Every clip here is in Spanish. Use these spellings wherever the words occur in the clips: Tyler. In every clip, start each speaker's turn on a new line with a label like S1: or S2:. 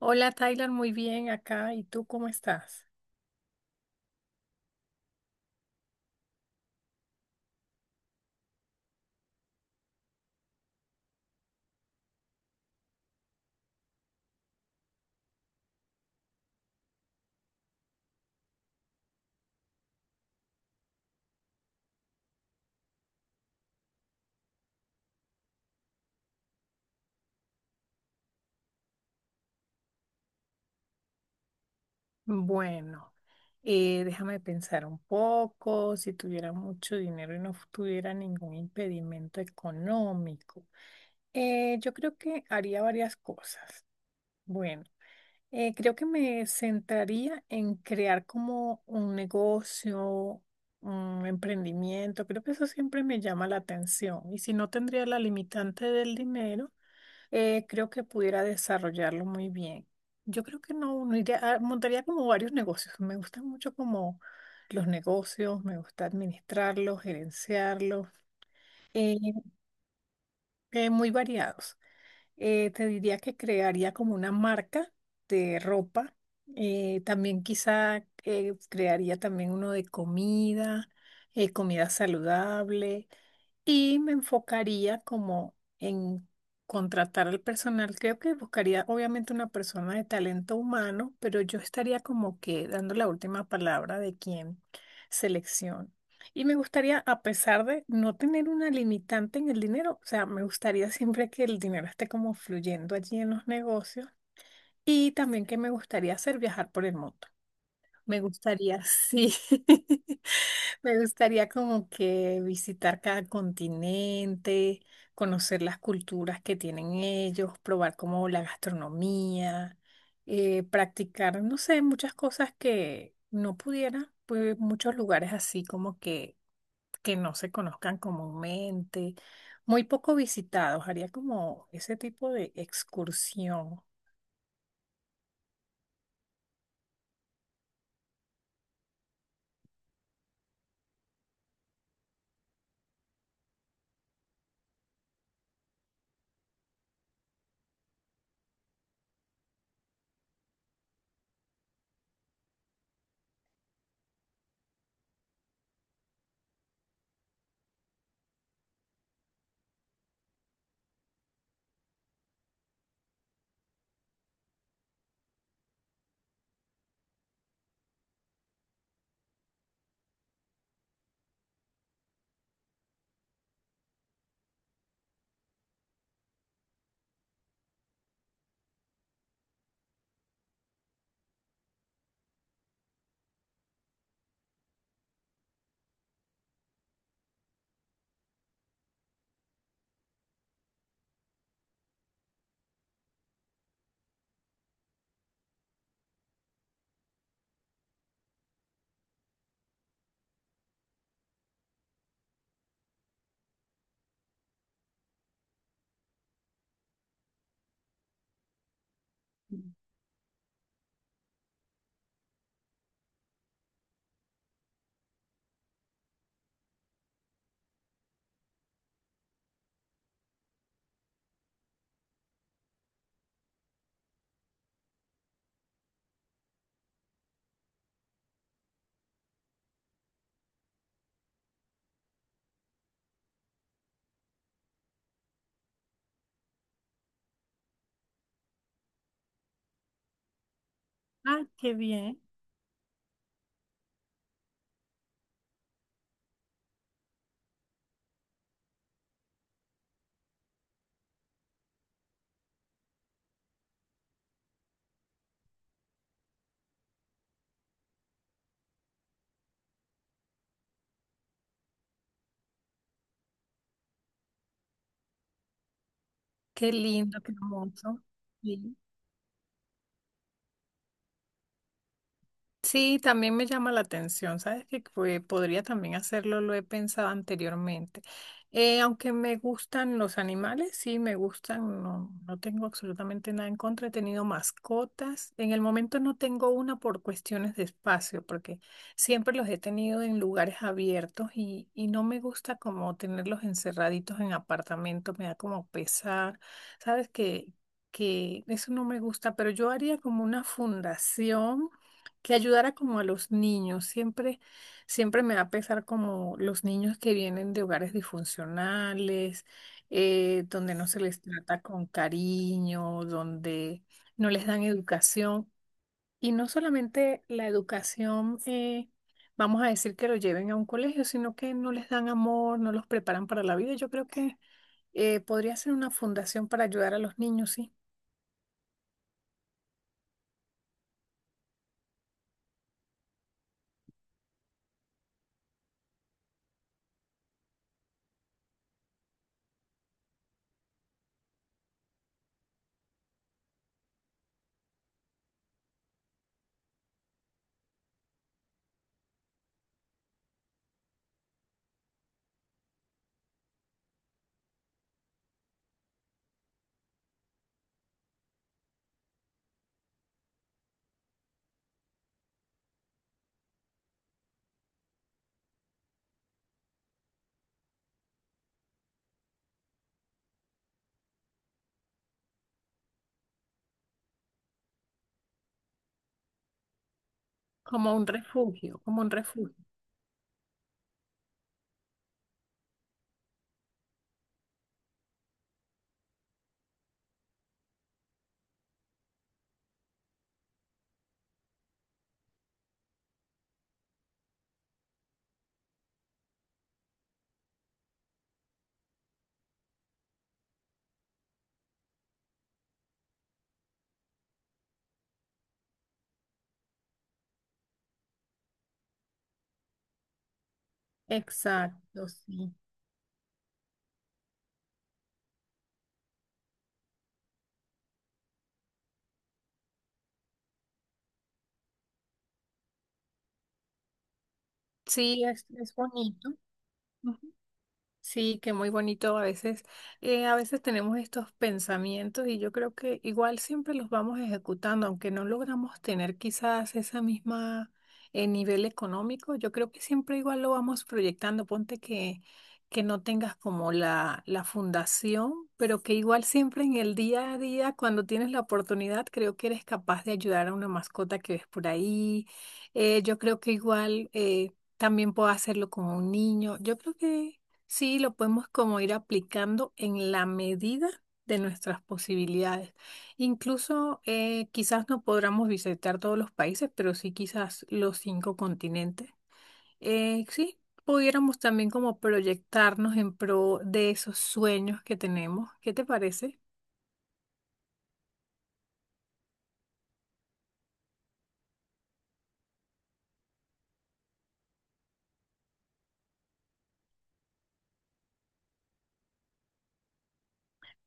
S1: Hola Tyler, muy bien acá. ¿Y tú cómo estás? Bueno, déjame pensar un poco. Si tuviera mucho dinero y no tuviera ningún impedimento económico, yo creo que haría varias cosas. Bueno, creo que me centraría en crear como un negocio, un emprendimiento. Creo que eso siempre me llama la atención. Y si no tendría la limitante del dinero, creo que pudiera desarrollarlo muy bien. Yo creo que no iría, ah, montaría como varios negocios. Me gustan mucho como los negocios, me gusta administrarlos, gerenciarlos, eh, muy variados. Te diría que crearía como una marca de ropa. También quizá crearía también uno de comida, comida saludable, y me enfocaría como en contratar al personal. Creo que buscaría obviamente una persona de talento humano, pero yo estaría como que dando la última palabra de quién selección. Y me gustaría, a pesar de no tener una limitante en el dinero, o sea, me gustaría siempre que el dinero esté como fluyendo allí en los negocios. Y también que me gustaría hacer viajar por el mundo. Me gustaría, sí. Me gustaría como que visitar cada continente, conocer las culturas que tienen ellos, probar como la gastronomía, practicar, no sé, muchas cosas que no pudiera, pues muchos lugares así como que no se conozcan comúnmente, muy poco visitados. Haría como ese tipo de excursión. Ah, qué bien, qué lindo, qué hermoso. Sí. Sí, también me llama la atención, ¿sabes? Que pues, podría también hacerlo, lo he pensado anteriormente. Aunque me gustan los animales, sí, me gustan, no, no tengo absolutamente nada en contra, he tenido mascotas. En el momento no tengo una por cuestiones de espacio, porque siempre los he tenido en lugares abiertos y no me gusta como tenerlos encerraditos en apartamentos, me da como pesar, ¿sabes? Que eso no me gusta, pero yo haría como una fundación que ayudara como a los niños. Siempre, siempre me va a pesar como los niños que vienen de hogares disfuncionales, donde no se les trata con cariño, donde no les dan educación. Y no solamente la educación, vamos a decir que lo lleven a un colegio, sino que no les dan amor, no los preparan para la vida. Yo creo que podría ser una fundación para ayudar a los niños, sí, como un refugio, como un refugio. Exacto, sí. Sí, es bonito. Ujú. Sí, que muy bonito a veces. A veces tenemos estos pensamientos y yo creo que igual siempre los vamos ejecutando, aunque no logramos tener quizás esa misma nivel económico, yo creo que siempre igual lo vamos proyectando. Ponte que no tengas como la fundación, pero que igual siempre en el día a día, cuando tienes la oportunidad, creo que eres capaz de ayudar a una mascota que ves por ahí. Yo creo que igual también puedo hacerlo con un niño. Yo creo que… Sí, lo podemos como ir aplicando en la medida de nuestras posibilidades. Incluso quizás no podamos visitar todos los países, pero sí quizás los 5 continentes. Sí, pudiéramos también como proyectarnos en pro de esos sueños que tenemos. ¿Qué te parece?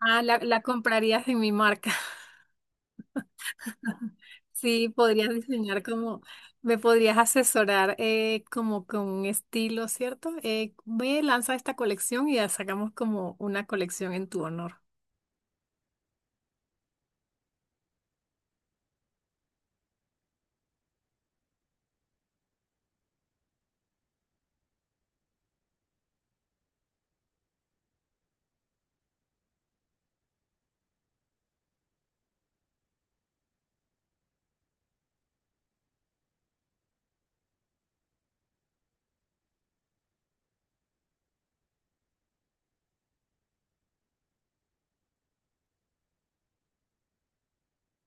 S1: Ah, la comprarías en mi marca. Sí, podrías diseñar como, me podrías asesorar como con un estilo, ¿cierto? Ve, lanza esta colección y ya sacamos como una colección en tu honor.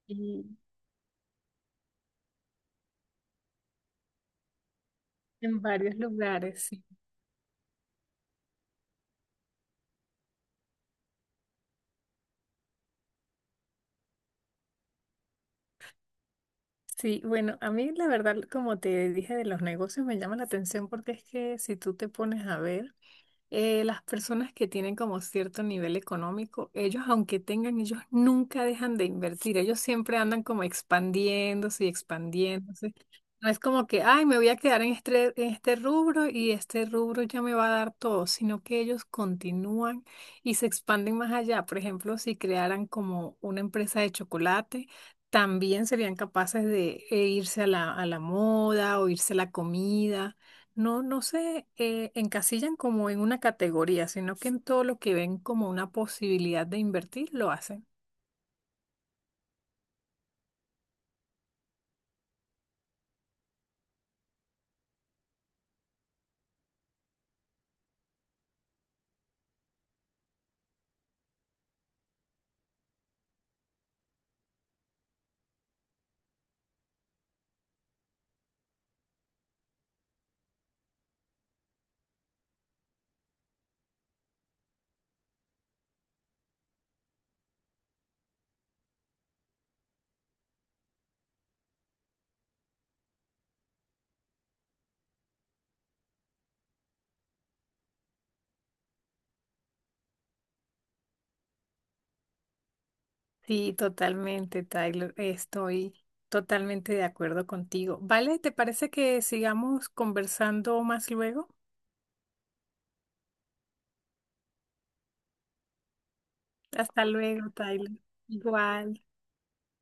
S1: Y en varios lugares, sí. Sí, bueno, a mí la verdad, como te dije de los negocios, me llama la atención porque es que si tú te pones a ver, las personas que tienen como cierto nivel económico, ellos aunque tengan, ellos nunca dejan de invertir, ellos siempre andan como expandiéndose y expandiéndose. No es como que, ay, me voy a quedar en este rubro y este rubro ya me va a dar todo, sino que ellos continúan y se expanden más allá. Por ejemplo, si crearan como una empresa de chocolate, también serían capaces de irse a a la moda o irse a la comida. No se encasillan como en una categoría, sino que en todo lo que ven como una posibilidad de invertir, lo hacen. Sí, totalmente, Tyler. Estoy totalmente de acuerdo contigo. Vale, ¿te parece que sigamos conversando más luego? Hasta luego, Tyler. Igual.